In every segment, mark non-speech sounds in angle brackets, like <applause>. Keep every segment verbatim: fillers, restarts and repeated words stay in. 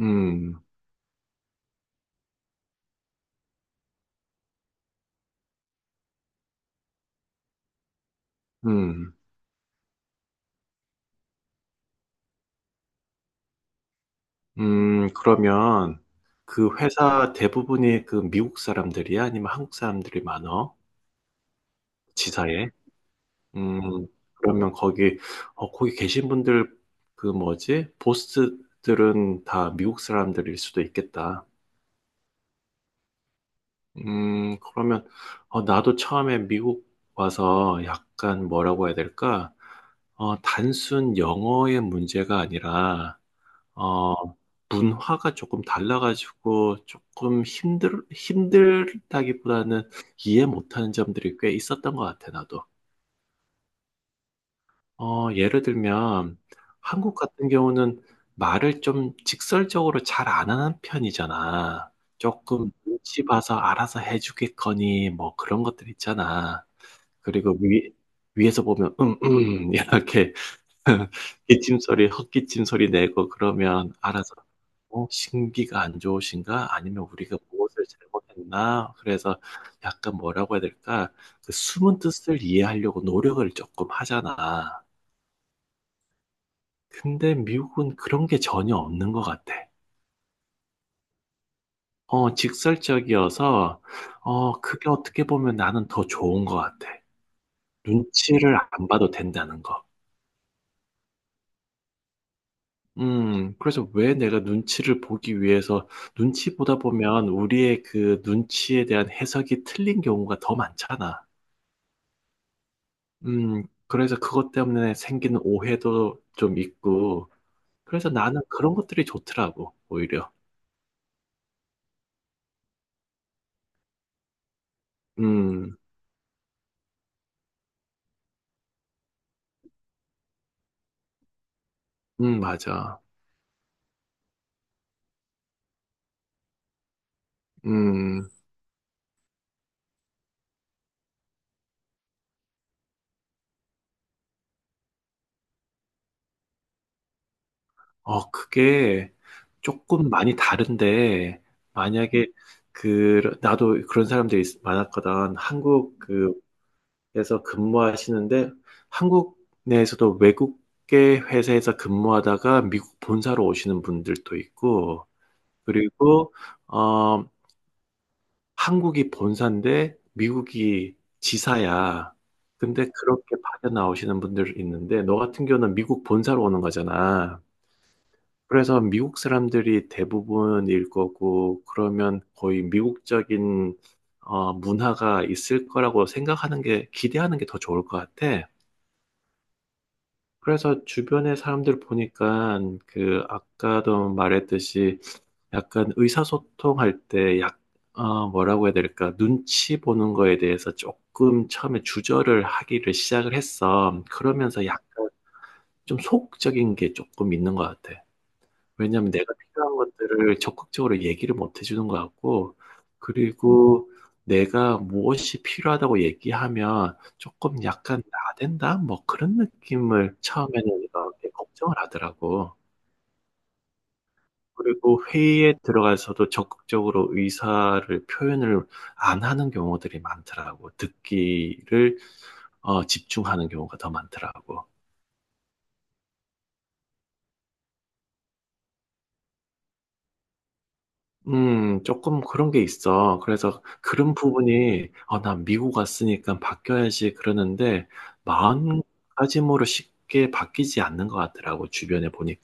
음, 음, 음, 그러면 그 회사 대부분이 그 미국 사람들이야? 아니면 한국 사람들이 많어? 지사에? 음, 그러면 거기, 어, 거기 계신 분들, 그 뭐지? 보스들은 다 미국 사람들일 수도 있겠다. 음, 그러면, 어, 나도 처음에 미국 와서 약간 뭐라고 해야 될까? 어, 단순 영어의 문제가 아니라, 어, 문화가 조금 달라가지고 조금 힘들, 힘들다기보다는 이해 못하는 점들이 꽤 있었던 것 같아, 나도. 어, 예를 들면, 한국 같은 경우는 말을 좀 직설적으로 잘 안 하는 편이잖아. 조금 눈치 봐서 알아서 해주겠거니, 뭐 그런 것들 있잖아. 그리고 위, 위에서 보면, 음, 음, <laughs> 이렇게 <laughs> 기침 소리, 헛기침 소리 내고 그러면 알아서 '어 신기가 안 좋으신가? 아니면 우리가 무엇을 잘못했나?' 그래서 약간 뭐라고 해야 될까? 그 숨은 뜻을 이해하려고 노력을 쪼끔 하잖아. 근데 미국은 그런 게 전혀 없는 것 같아. 어 직설적이어서 어 그게 어떻게 보면 나는 더 좋은 것 같아. 눈치를 안 봐도 된다는 거. 음, 그래서 왜 내가 눈치를 보기 위해서 눈치 보다 보면 우리의 그 눈치에 대한 해석이 틀린 경우가 더 많잖아. 음, 그래서 그것 때문에 생기는 오해도 좀 있고, 그래서 나는 그런 것들이 좋더라고, 오히려. 음, 음, 맞아. 음, 어, 그게 조금 많이 다른데, 만약에 그, 나도 그런 사람들이 있- 많았거든. 한국 그 그래서 근무하시는데 한국 내에서도 외국계 회사에서 근무하다가 미국 본사로 오시는 분들도 있고 그리고 어, 한국이 본사인데 미국이 지사야. 근데 그렇게 파견 나오시는 분들 있는데 너 같은 경우는 미국 본사로 오는 거잖아. 그래서 미국 사람들이 대부분일 거고 그러면 거의 미국적인 어, 문화가 있을 거라고 생각하는 게 기대하는 게 더 좋을 것 같아. 그래서 주변의 사람들 보니까 그 아까도 말했듯이 약간 의사소통할 때 약, 어, 뭐라고 해야 될까? 눈치 보는 거에 대해서 조금 처음에 주저를 하기를 시작을 했어. 그러면서 약간 좀 소극적인 게 조금 있는 것 같아. 왜냐면 하 내가 필요한 것들을 적극적으로 얘기를 못 해주는 것 같고, 그리고 내가 무엇이 필요하다고 얘기하면 조금 약간 나댄다? 뭐 그런 느낌을 처음에는 이렇게 걱정을 하더라고. 그리고 회의에 들어가서도 적극적으로 의사를 표현을 안 하는 경우들이 많더라고. 듣기를 어, 집중하는 경우가 더 많더라고. 음, 조금 그런 게 있어. 그래서 그런 부분이, 어, 난 미국 왔으니까 바뀌어야지 그러는데, 마음가짐으로 쉽게 바뀌지 않는 것 같더라고, 주변에 보니까.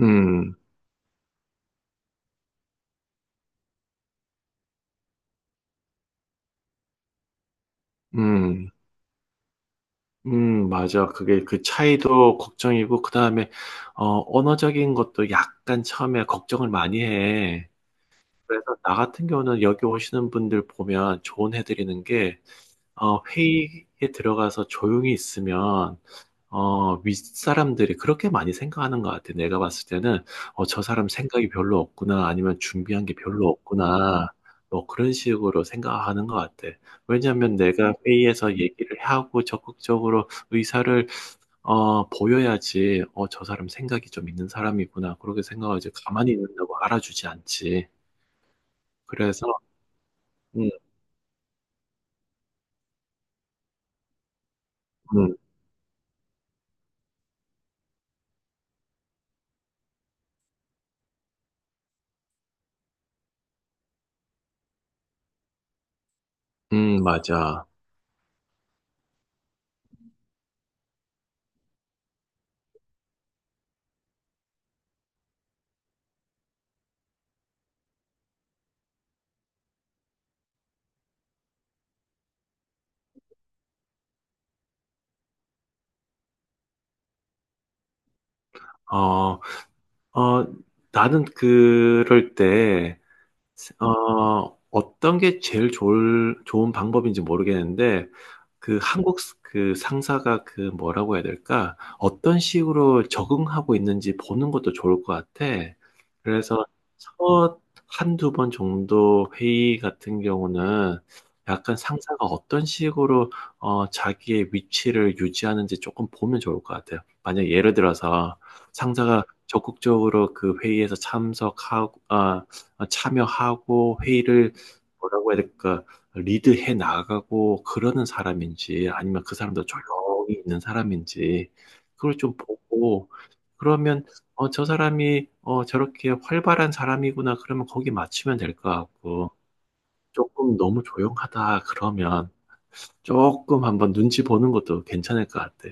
음, 음, 음, 맞아. 그게 그 차이도 걱정이고, 그 다음에, 어, 언어적인 것도 약간 처음에 걱정을 많이 해. 그래서 나 같은 경우는 여기 오시는 분들 보면 조언해드리는 게, 어, 회의에 들어가서 조용히 있으면, 어, 윗사람들이 그렇게 많이 생각하는 것 같아. 내가 봤을 때는, 어, 저 사람 생각이 별로 없구나, 아니면 준비한 게 별로 없구나, 뭐 그런 식으로 생각하는 것 같아. 왜냐하면 내가 회의에서 얘기를 하고 적극적으로 의사를, 어, 보여야지, 어, 저 사람 생각이 좀 있는 사람이구나, 그렇게 생각하지. 가만히 있는다고 알아주지 않지. 그래서, 음, 음, 음, 맞아. 어, 어, 나는 그럴 때, 어 어떤 게 제일 좋을 좋은 방법인지 모르겠는데 그 한국 스- 그 상사가 그 뭐라고 해야 될까? 어떤 식으로 적응하고 있는지 보는 것도 좋을 것 같아. 그래서 첫 한두 번 정도 회의 같은 경우는 약간 상사가 어떤 식으로 어, 자기의 위치를 유지하는지 조금 보면 좋을 것 같아요. 만약 예를 들어서 상사가 적극적으로 그 회의에서 참석하고, 아, 아, 참여하고 회의를 뭐라고 해야 될까? 리드해 나가고 그러는 사람인지 아니면 그 사람도 조용히 있는 사람인지 그걸 좀 보고 그러면 어, 저 사람이 어, 저렇게 활발한 사람이구나 그러면 거기 맞추면 될 것 같고 조금 너무 조용하다 그러면 조금 한번 눈치 보는 것도 괜찮을 것 같아.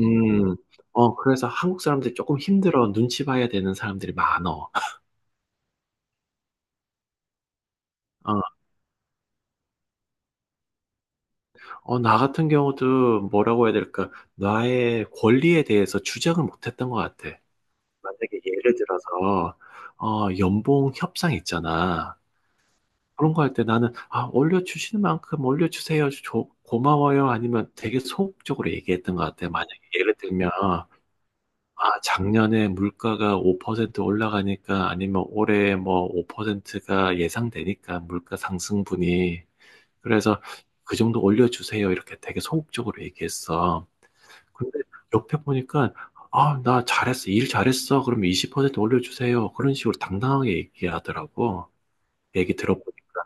음, 어, 그래서 한국 사람들이 조금 힘들어 눈치 봐야 되는 사람들이 많어. 어, 어, 나 같은 경우도 뭐라고 해야 될까? 나의 권리에 대해서 주장을 못했던 것 같아. 만약에 예를 들어서 어, 연봉 협상 있잖아. 그런 거 할 때 나는 아, 올려주시는 만큼 올려주세요. 조- 고마워요. 아니면 되게 소극적으로 얘기했던 것 같아. 만약에 예를 들면 아, 작년에 물가가 오 퍼센트 올라가니까 아니면 올해 뭐 오 퍼센트가 예상되니까 물가 상승분이 그래서 그 정도 올려주세요. 이렇게 되게 소극적으로 얘기했어. 근데 옆에 보니까 "아 나 잘했어. 일 잘했어. 그러면 이십 퍼센트 올려주세요." 그런 식으로 당당하게 얘기하더라고. 얘기 들어보니까.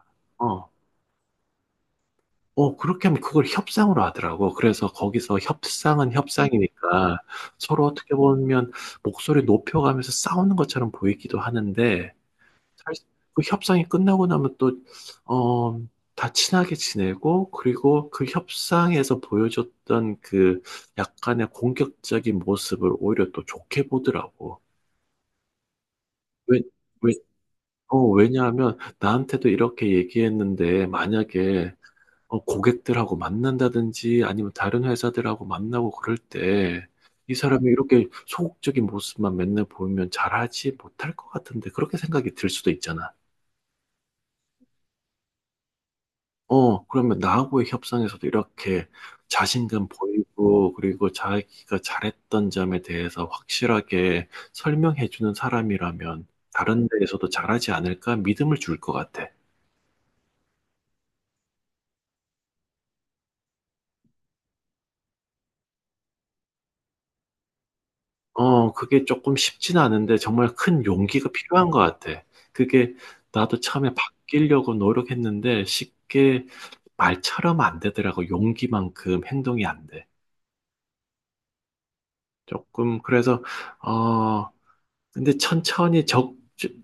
어 그렇게 하면 그걸 협상으로 하더라고. 그래서 거기서 협상은 협상이니까 서로 어떻게 보면 목소리 높여가면서 싸우는 것처럼 보이기도 하는데 사실 그 협상이 끝나고 나면 또, 어, 다 친하게 지내고, 그리고 그 협상에서 보여줬던 그 약간의 공격적인 모습을 오히려 또 좋게 보더라고. 왜, 왜, 어, 왜냐하면 나한테도 이렇게 얘기했는데, 만약에 어, 고객들하고 만난다든지 아니면 다른 회사들하고 만나고 그럴 때, 이 사람이 이렇게 소극적인 모습만 맨날 보이면 잘하지 못할 것 같은데, 그렇게 생각이 들 수도 있잖아. 어, 그러면 나하고의 협상에서도 이렇게 자신감 보이고, 그리고 자기가 잘했던 점에 대해서 확실하게 설명해주는 사람이라면 다른 데에서도 잘하지 않을까 믿음을 줄 것 같아. 어, 그게 조금 쉽진 않은데 정말 큰 용기가 필요한 것 같아. 그게 나도 처음에 바뀌려고 노력했는데 쉽게 말처럼 안 되더라고. 용기만큼 행동이 안 돼. 조금, 그래서, 어, 근데 천천히 적,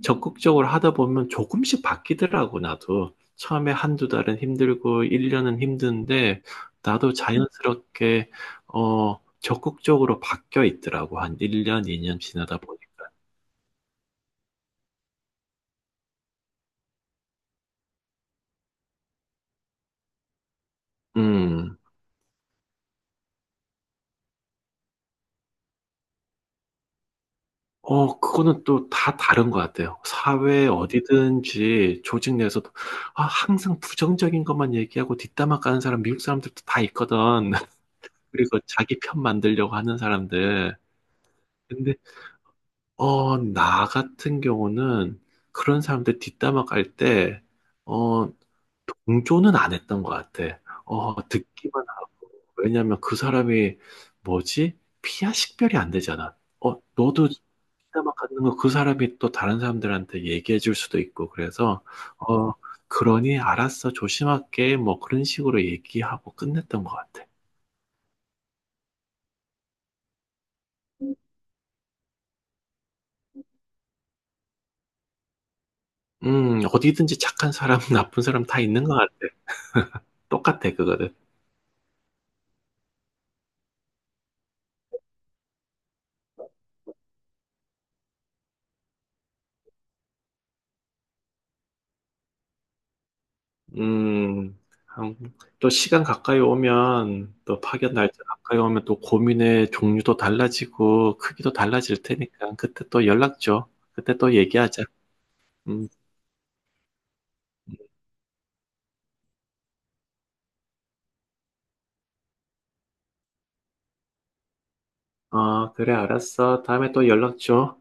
적극적으로 하다 보면 조금씩 바뀌더라고, 나도. 처음에 한두 달은 힘들고, 일 년은 힘든데, 나도 자연스럽게, 어, 적극적으로 바뀌어 있더라고. 한 일 년, 이 년 지나다 보니까. 음. 어, 그거는 또 다 다른 것 같아요. 사회 어디든지 조직 내에서도, 아, 항상 부정적인 것만 얘기하고 뒷담화 까는 사람, 미국 사람들도 다 있거든. <laughs> 그리고 자기 편 만들려고 하는 사람들. 근데 어, 나 같은 경우는 그런 사람들 뒷담화 깔때 어, 동조는 안 했던 것 같아. 어, 듣기만 하고. 왜냐면 그 사람이 뭐지? 피야 식별이 안 되잖아. 어, 너도 뒷담화 갖는 거 그 사람이 또 다른 사람들한테 얘기해 줄 수도 있고 그래서 어, 그러니 알았어. 조심할게. 뭐 그런 식으로 얘기하고 끝냈던 것 같아. 음, 어디든지 착한 사람, <laughs> 나쁜 사람 다 있는 것 같아. 똑같아, 그거는. 음, 한- 또 시간 가까이 오면, 또 파견 음. 날짜 가까이 오면 또 고민의 종류도 달라지고, 크기도 달라질 테니까, 그때 또 연락 줘. 그때 또 얘기하자. 음, 어, 그래, 알았어. 다음에 또 연락 줘.